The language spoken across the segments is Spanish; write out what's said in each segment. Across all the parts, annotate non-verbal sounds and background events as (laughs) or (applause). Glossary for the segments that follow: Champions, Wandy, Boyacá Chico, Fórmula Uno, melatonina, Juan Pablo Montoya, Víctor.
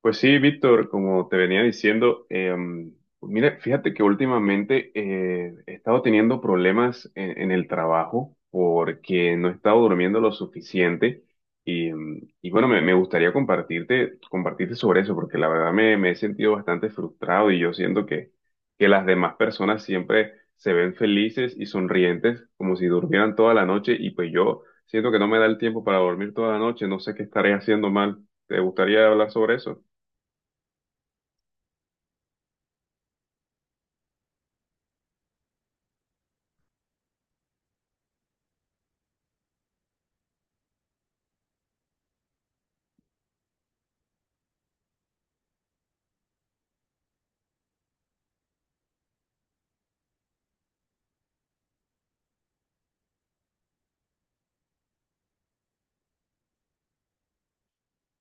Pues sí, Víctor, como te venía diciendo, mira, fíjate que últimamente he estado teniendo problemas en el trabajo porque no he estado durmiendo lo suficiente y bueno, me gustaría compartirte sobre eso porque la verdad me he sentido bastante frustrado y yo siento que las demás personas siempre se ven felices y sonrientes como si durmieran toda la noche y pues yo siento que no me da el tiempo para dormir toda la noche, no sé qué estaré haciendo mal. ¿Te gustaría hablar sobre eso?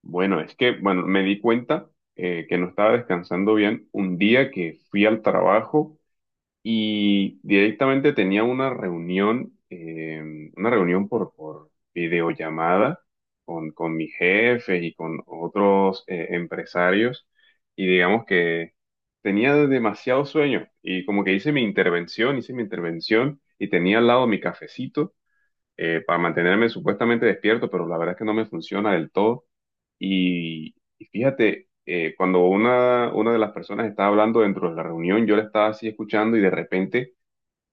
Bueno, bueno, me di cuenta que no estaba descansando bien un día que fui al trabajo y directamente tenía una reunión por videollamada con mis jefes y con otros empresarios y digamos que tenía demasiado sueño y como que hice mi intervención y tenía al lado mi cafecito para mantenerme supuestamente despierto, pero la verdad es que no me funciona del todo. Y fíjate, cuando una de las personas estaba hablando dentro de la reunión, yo la estaba así escuchando y de repente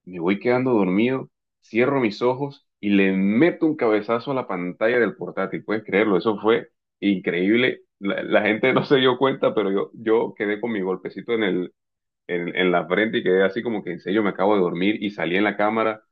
me voy quedando dormido, cierro mis ojos y le meto un cabezazo a la pantalla del portátil. ¿Puedes creerlo? Eso fue increíble. La gente (laughs) no se dio cuenta, pero yo quedé con mi golpecito en en la frente y quedé así como que en serio me acabo de dormir y salí en la cámara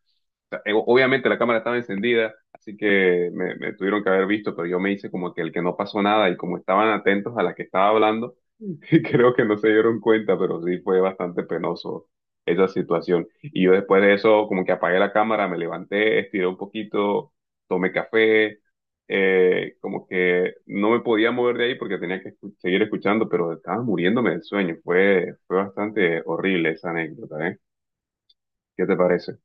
sea, obviamente la cámara estaba encendida, así que me tuvieron que haber visto, pero yo me hice como que el que no pasó nada y como estaban atentos a la que estaba hablando, (laughs) y creo que no se dieron cuenta, pero sí fue bastante penoso esa situación. Y yo después de eso como que apagué la cámara, me levanté, estiré un poquito, tomé café, como que no me podía mover de ahí porque tenía que seguir escuchando, pero estaba muriéndome del sueño. Fue bastante horrible esa anécdota, ¿eh? ¿Qué te parece?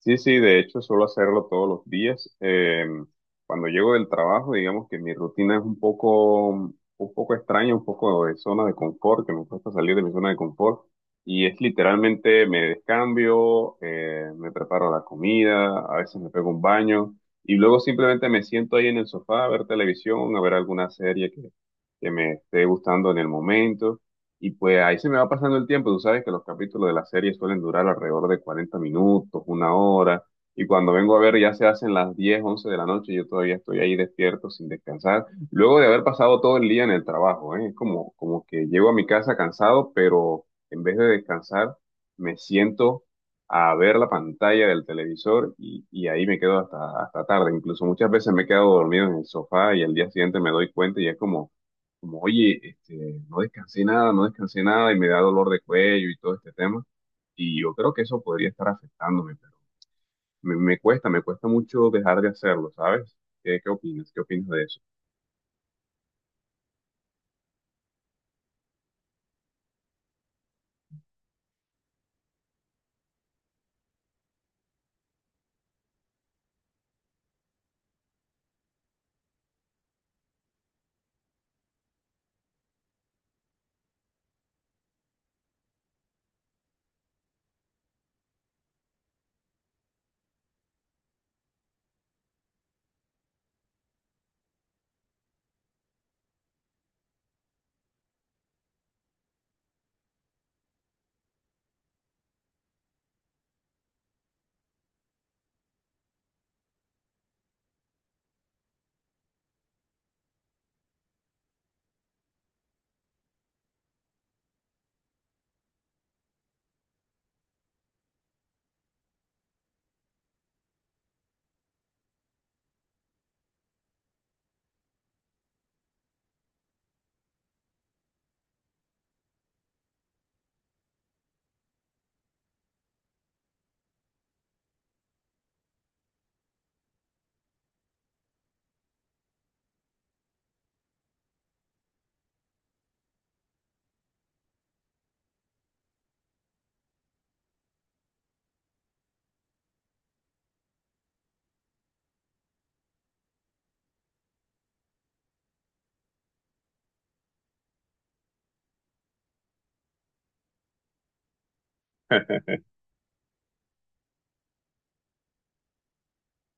Sí, sí, de hecho suelo hacerlo todos los días. Cuando llego del trabajo, digamos que mi rutina es un poco extraña, un poco de zona de confort, que me cuesta salir de mi zona de confort. Y es literalmente me descambio, me preparo la comida, a veces me pego un baño y luego simplemente me siento ahí en el sofá a ver televisión, a ver alguna serie que me esté gustando en el momento. Y pues ahí se me va pasando el tiempo, tú sabes que los capítulos de la serie suelen durar alrededor de 40 minutos, una hora, y cuando vengo a ver ya se hacen las 10, 11 de la noche, y yo todavía estoy ahí despierto sin descansar, luego de haber pasado todo el día en el trabajo, ¿eh? Es como, como que llego a mi casa cansado, pero en vez de descansar, me siento a ver la pantalla del televisor y ahí me quedo hasta tarde, incluso muchas veces me he quedado dormido en el sofá y al día siguiente me doy cuenta y es como como, oye, este, no descansé nada y me da dolor de cuello y todo este tema. Y yo creo que eso podría estar afectándome, pero me cuesta mucho dejar de hacerlo, ¿sabes? ¿Qué opinas? ¿Qué opinas de eso?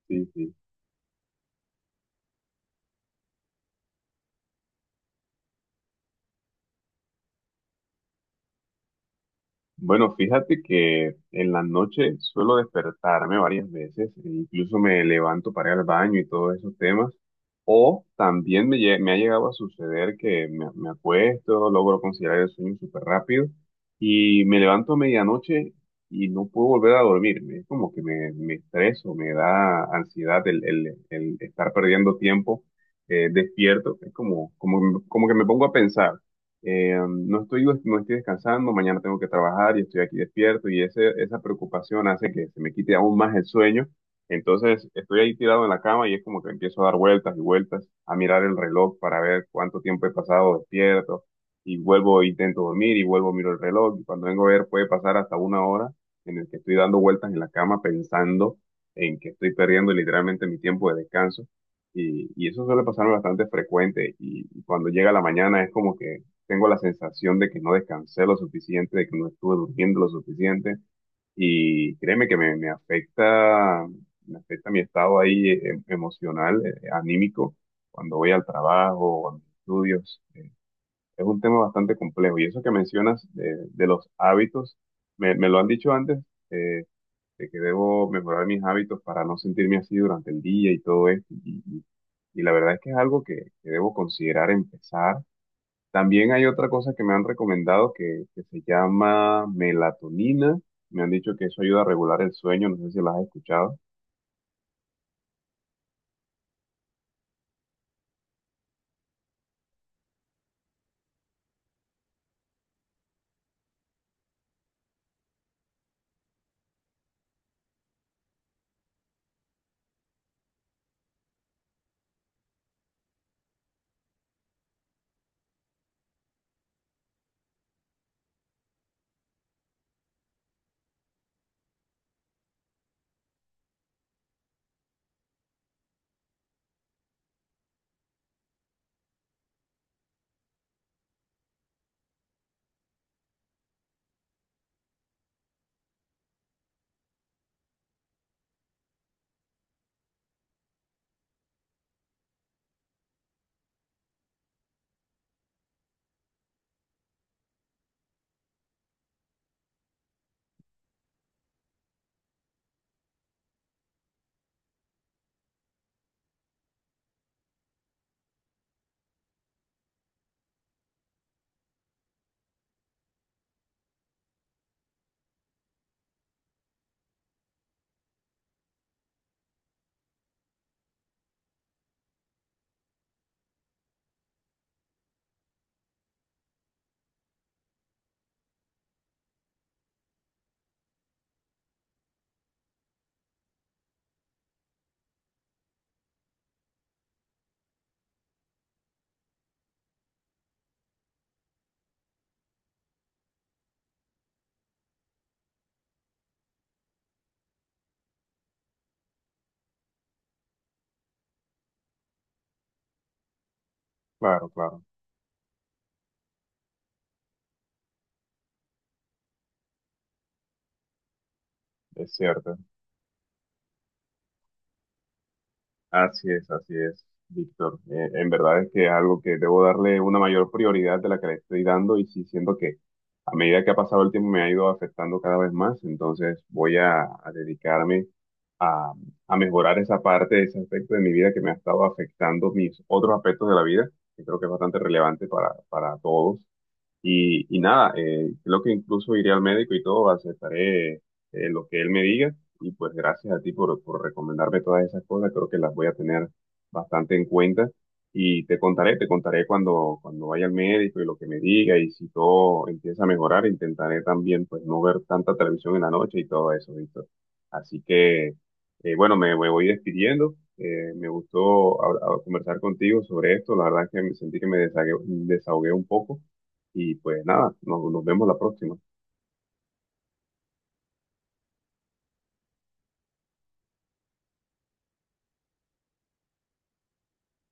Sí, sí. Bueno, fíjate que en la noche suelo despertarme varias veces, e incluso me levanto para ir al baño y todos esos temas, o también me ha llegado a suceder que me acuesto, logro considerar el sueño súper rápido y me levanto a medianoche y no puedo volver a dormirme, es como que me estreso, me da ansiedad el estar perdiendo tiempo despierto, es como, como que me pongo a pensar. No estoy descansando, mañana tengo que trabajar y estoy aquí despierto y esa preocupación hace que se me quite aún más el sueño. Entonces estoy ahí tirado en la cama y es como que empiezo a dar vueltas y vueltas, a mirar el reloj para ver cuánto tiempo he pasado despierto y vuelvo, intento dormir y vuelvo, miro el reloj y cuando vengo a ver puede pasar hasta una hora en el que estoy dando vueltas en la cama pensando en que estoy perdiendo literalmente mi tiempo de descanso. Y eso suele pasarme bastante frecuente y cuando llega la mañana es como que tengo la sensación de que no descansé lo suficiente, de que no estuve durmiendo lo suficiente y créeme que me afecta mi estado ahí emocional, anímico, cuando voy al trabajo o a mis estudios. Es un tema bastante complejo y eso que mencionas de los hábitos, me lo han dicho antes, eh, de que debo mejorar mis hábitos para no sentirme así durante el día y todo esto. Y la verdad es que es algo que debo considerar empezar también hay otra cosa que me han recomendado que se llama melatonina. Me han dicho que eso ayuda a regular el sueño. No sé si las has escuchado. Claro, claro, es cierto. Así es, Víctor. En verdad es que es algo que debo darle una mayor prioridad de la que le estoy dando y sí siento que a medida que ha pasado el tiempo me ha ido afectando cada vez más, entonces voy a dedicarme a, a mejorar esa parte, ese aspecto de mi vida que me ha estado afectando mis otros aspectos de la vida, que creo que es bastante relevante para todos. Y nada, creo que incluso iré al médico y todo, aceptaré lo que él me diga y pues gracias a ti por recomendarme todas esas cosas. Creo que las voy a tener bastante en cuenta. Y te contaré cuando vaya al médico y lo que me diga. Y si todo empieza a mejorar, intentaré también pues no ver tanta televisión en la noche y todo eso, Víctor. Así que, bueno, me voy despidiendo. Me gustó conversar contigo sobre esto. La verdad es que me sentí que me desahogué un poco. Y pues nada, nos vemos la próxima.